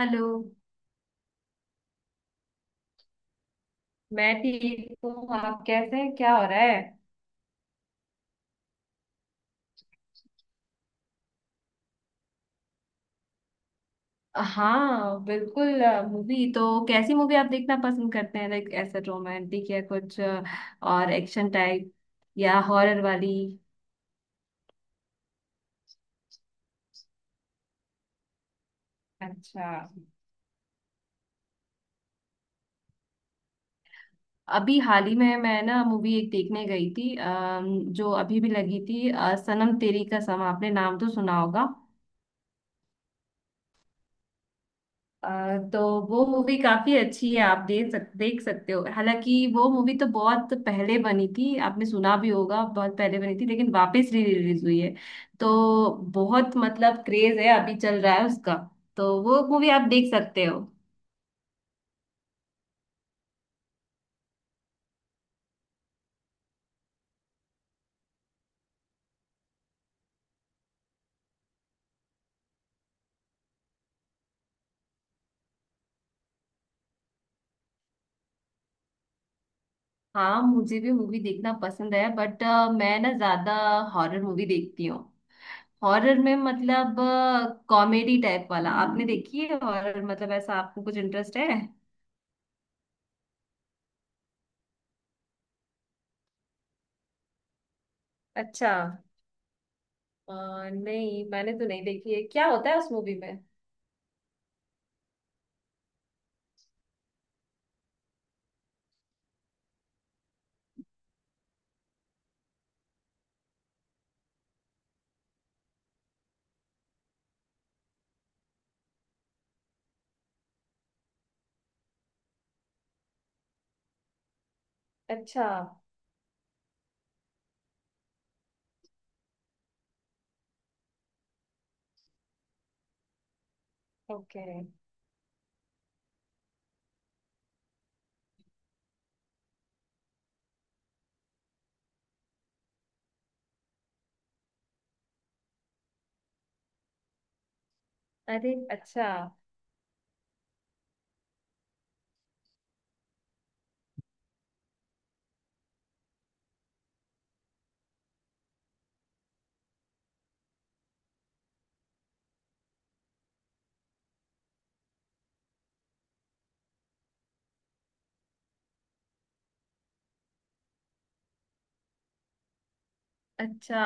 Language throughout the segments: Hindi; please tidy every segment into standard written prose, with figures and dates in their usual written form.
हेलो। मैं ठीक हूँ। आप कैसे हैं? क्या हो रहा है? हाँ, बिल्कुल। मूवी तो कैसी मूवी आप देखना पसंद करते हैं? लाइक ऐसे रोमांटिक या कुछ और एक्शन टाइप या हॉरर वाली? अच्छा। अभी हाल ही में मैं ना मूवी एक देखने गई थी, जो अभी भी लगी थी, सनम तेरी कसम। आपने नाम तो सुना होगा? अ, तो वो मूवी काफी अच्छी है। आप देख सकते हो। हालांकि वो मूवी तो बहुत पहले बनी थी, आपने सुना भी होगा, बहुत पहले बनी थी, लेकिन वापस री रिलीज हुई है। तो बहुत मतलब क्रेज है अभी चल रहा है उसका। तो वो मूवी आप देख सकते हो। हाँ, मुझे भी मूवी देखना पसंद है, बट मैं ना ज्यादा हॉरर मूवी देखती हूँ। हॉरर में मतलब कॉमेडी टाइप वाला आपने देखी है? हॉरर मतलब ऐसा आपको कुछ इंटरेस्ट है? अच्छा। अ, नहीं, मैंने तो नहीं देखी है। क्या होता है उस मूवी में? अच्छा। ओके। अरे, अच्छा। अच्छा।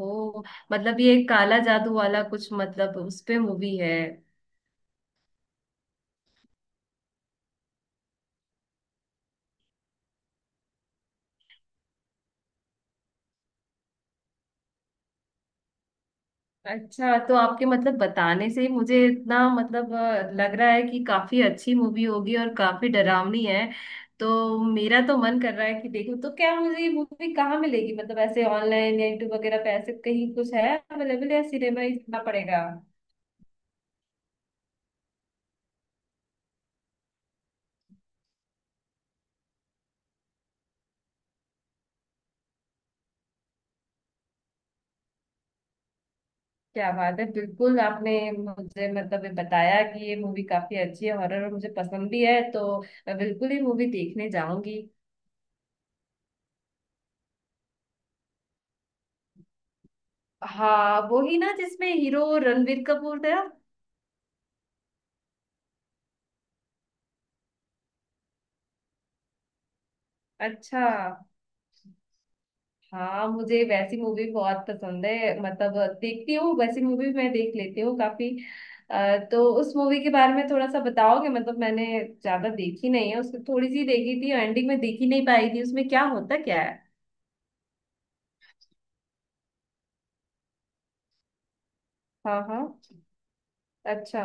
ओ। मतलब ये काला जादू वाला कुछ मतलब उस पे मूवी है? अच्छा, तो आपके मतलब बताने से ही मुझे इतना मतलब लग रहा है कि काफी अच्छी मूवी होगी और काफी डरावनी है। तो मेरा तो मन कर रहा है कि देखूं, तो क्या मुझे ये मूवी कहाँ मिलेगी? मतलब ऐसे ऑनलाइन या यूट्यूब वगैरह पे ऐसे कहीं कुछ है अवेलेबल, या सिनेमा ही जाना पड़ेगा? क्या बात है! बिल्कुल, आपने मुझे मतलब ये बताया कि ये मूवी काफी अच्छी है, हॉरर, और मुझे पसंद भी है, तो मैं बिल्कुल ही मूवी देखने जाऊंगी। हाँ, वो ही ना जिसमें हीरो रणबीर कपूर था। अच्छा। हाँ, मुझे वैसी मूवी बहुत पसंद है, मतलब देखती हूँ वैसी मूवी, मैं देख लेती हूँ काफी। तो उस मूवी के बारे में थोड़ा सा बताओगे? मतलब मैंने ज्यादा देखी नहीं है उसको, थोड़ी सी देखी थी, एंडिंग में देख ही नहीं पाई थी। उसमें क्या होता क्या है? हाँ, हाँ। अच्छा।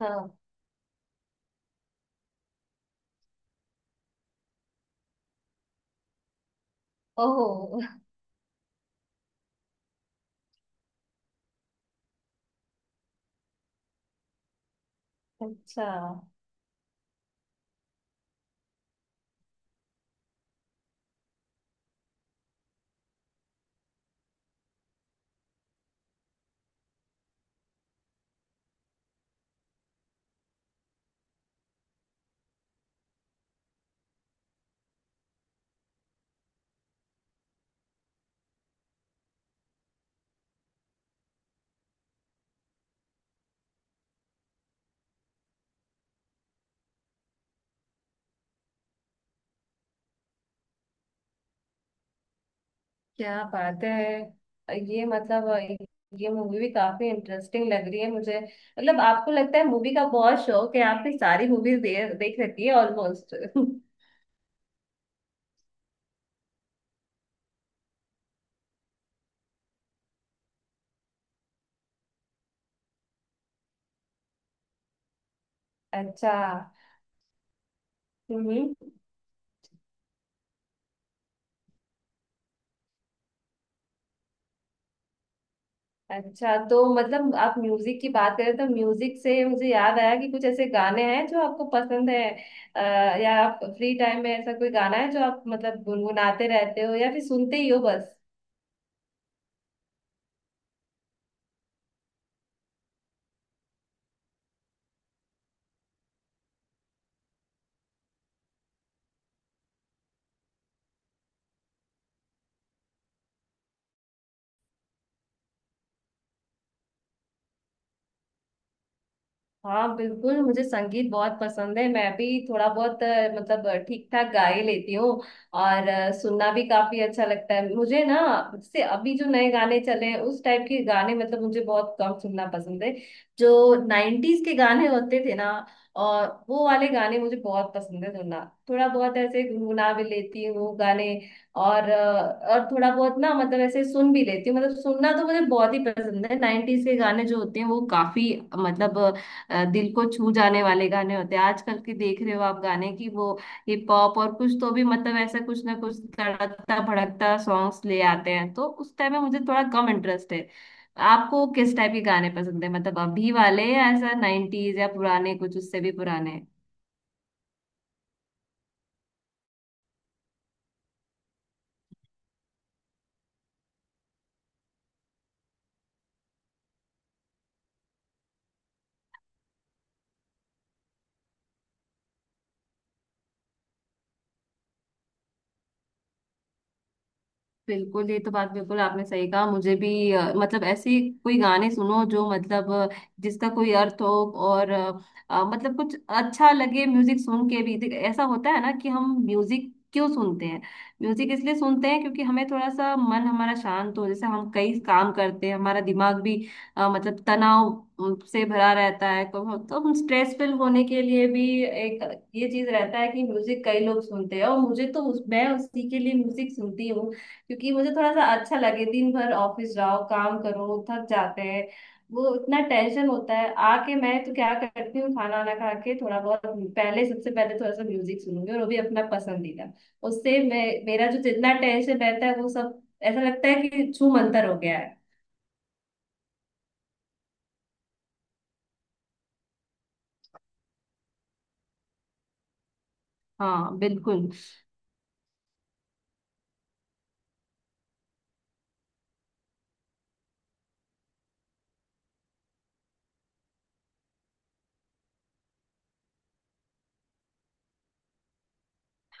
हाँ। ओहो। अच्छा। क्या बात है! ये मतलब ये मूवी भी काफी इंटरेस्टिंग लग रही है मुझे। मतलब आपको लगता है मूवी का बहुत शौक है, आपने सारी मूवीज दे, देख रखी है ऑलमोस्ट। अच्छा। हम्म। अच्छा, तो मतलब आप म्यूजिक की बात करें तो म्यूजिक से मुझे याद आया कि कुछ ऐसे गाने हैं जो आपको पसंद है, या आप फ्री टाइम में ऐसा कोई गाना है जो आप मतलब गुनगुनाते रहते हो या फिर सुनते ही हो बस? हाँ, बिल्कुल, मुझे संगीत बहुत पसंद है। मैं भी थोड़ा बहुत मतलब ठीक ठाक गा ही लेती हूँ। और सुनना भी काफी अच्छा लगता है मुझे ना। जैसे अभी जो नए गाने चले हैं उस टाइप के गाने मतलब मुझे बहुत कम सुनना पसंद है। जो नाइन्टीज के गाने होते थे ना, और वो वाले गाने मुझे बहुत पसंद है सुनना। थोड़ा बहुत ऐसे गुनगुना भी लेती हूँ गाने। और और थोड़ा बहुत ना मतलब ऐसे सुन भी लेती हूँ, मतलब सुनना तो मुझे बहुत ही पसंद है। नाइन्टीज के गाने जो होते हैं वो काफी मतलब दिल को छू जाने वाले गाने होते हैं। आजकल के देख रहे हो आप गाने की वो हिप हॉप और कुछ तो भी मतलब ऐसा कुछ ना कुछ तड़कता भड़कता सॉन्ग्स ले आते हैं, तो उस टाइम में मुझे थोड़ा कम इंटरेस्ट है। आपको किस टाइप के गाने पसंद है, मतलब अभी वाले या ऐसा नाइन्टीज या पुराने कुछ उससे भी पुराने? बिल्कुल, ये तो बात बिल्कुल आपने सही कहा। मुझे भी मतलब ऐसे कोई गाने सुनो जो मतलब जिसका कोई अर्थ हो, और मतलब कुछ अच्छा लगे। म्यूजिक सुन के भी देख, ऐसा होता है ना कि हम म्यूजिक क्यों सुनते हैं? म्यूजिक इसलिए सुनते हैं क्योंकि हमें थोड़ा सा मन हमारा शांत हो। जैसे हम कई काम करते हैं, हमारा दिमाग भी मतलब तनाव से भरा रहता है, तो हम स्ट्रेसफुल होने के लिए भी एक ये चीज रहता है कि म्यूजिक कई लोग सुनते हैं। और मुझे तो उस, मैं उसी के लिए म्यूजिक सुनती हूँ, क्योंकि मुझे थोड़ा सा अच्छा लगे। दिन भर ऑफिस जाओ, काम करो, थक जाते हैं। वो इतना टेंशन होता है, आके मैं तो क्या करती हूँ, खाना वाना खा के, थोड़ा बहुत पहले, सबसे पहले थोड़ा सा म्यूजिक सुनूंगी, और वो भी अपना पसंदीदा। उससे मैं मेरा जो जितना टेंशन रहता है वो सब ऐसा लगता है कि छू मंतर हो गया है। हाँ, बिल्कुल।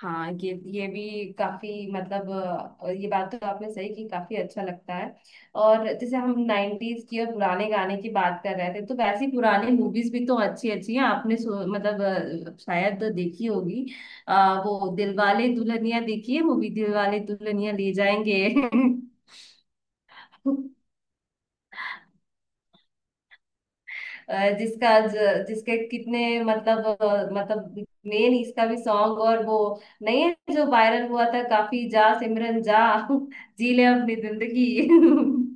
हाँ। ये भी काफी मतलब ये बात तो आपने सही की, काफी अच्छा लगता है। और जैसे हम नाइन्टीज की और पुराने गाने की बात कर रहे थे, तो वैसी पुराने मूवीज भी तो अच्छी अच्छी हैं। आपने सो, मतलब शायद देखी होगी। वो दिलवाले दुल्हनिया देखी है मूवी, दिलवाले दुल्हनिया ले जाएंगे? अ, जिसका जिसके कितने मतलब मतलब मेन इसका भी सॉन्ग और वो नहीं है जो वायरल हुआ था काफी, जा सिमरन जा, जी ले अपनी जिंदगी।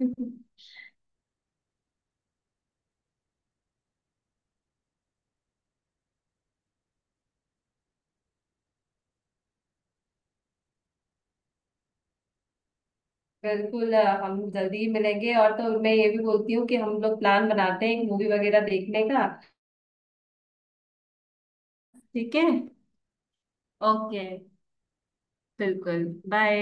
बिल्कुल हम जल्दी ही मिलेंगे, और तो मैं ये भी बोलती हूँ कि हम लोग प्लान बनाते हैं मूवी वगैरह देखने का। ठीक है। ओके। बिल्कुल। बाय।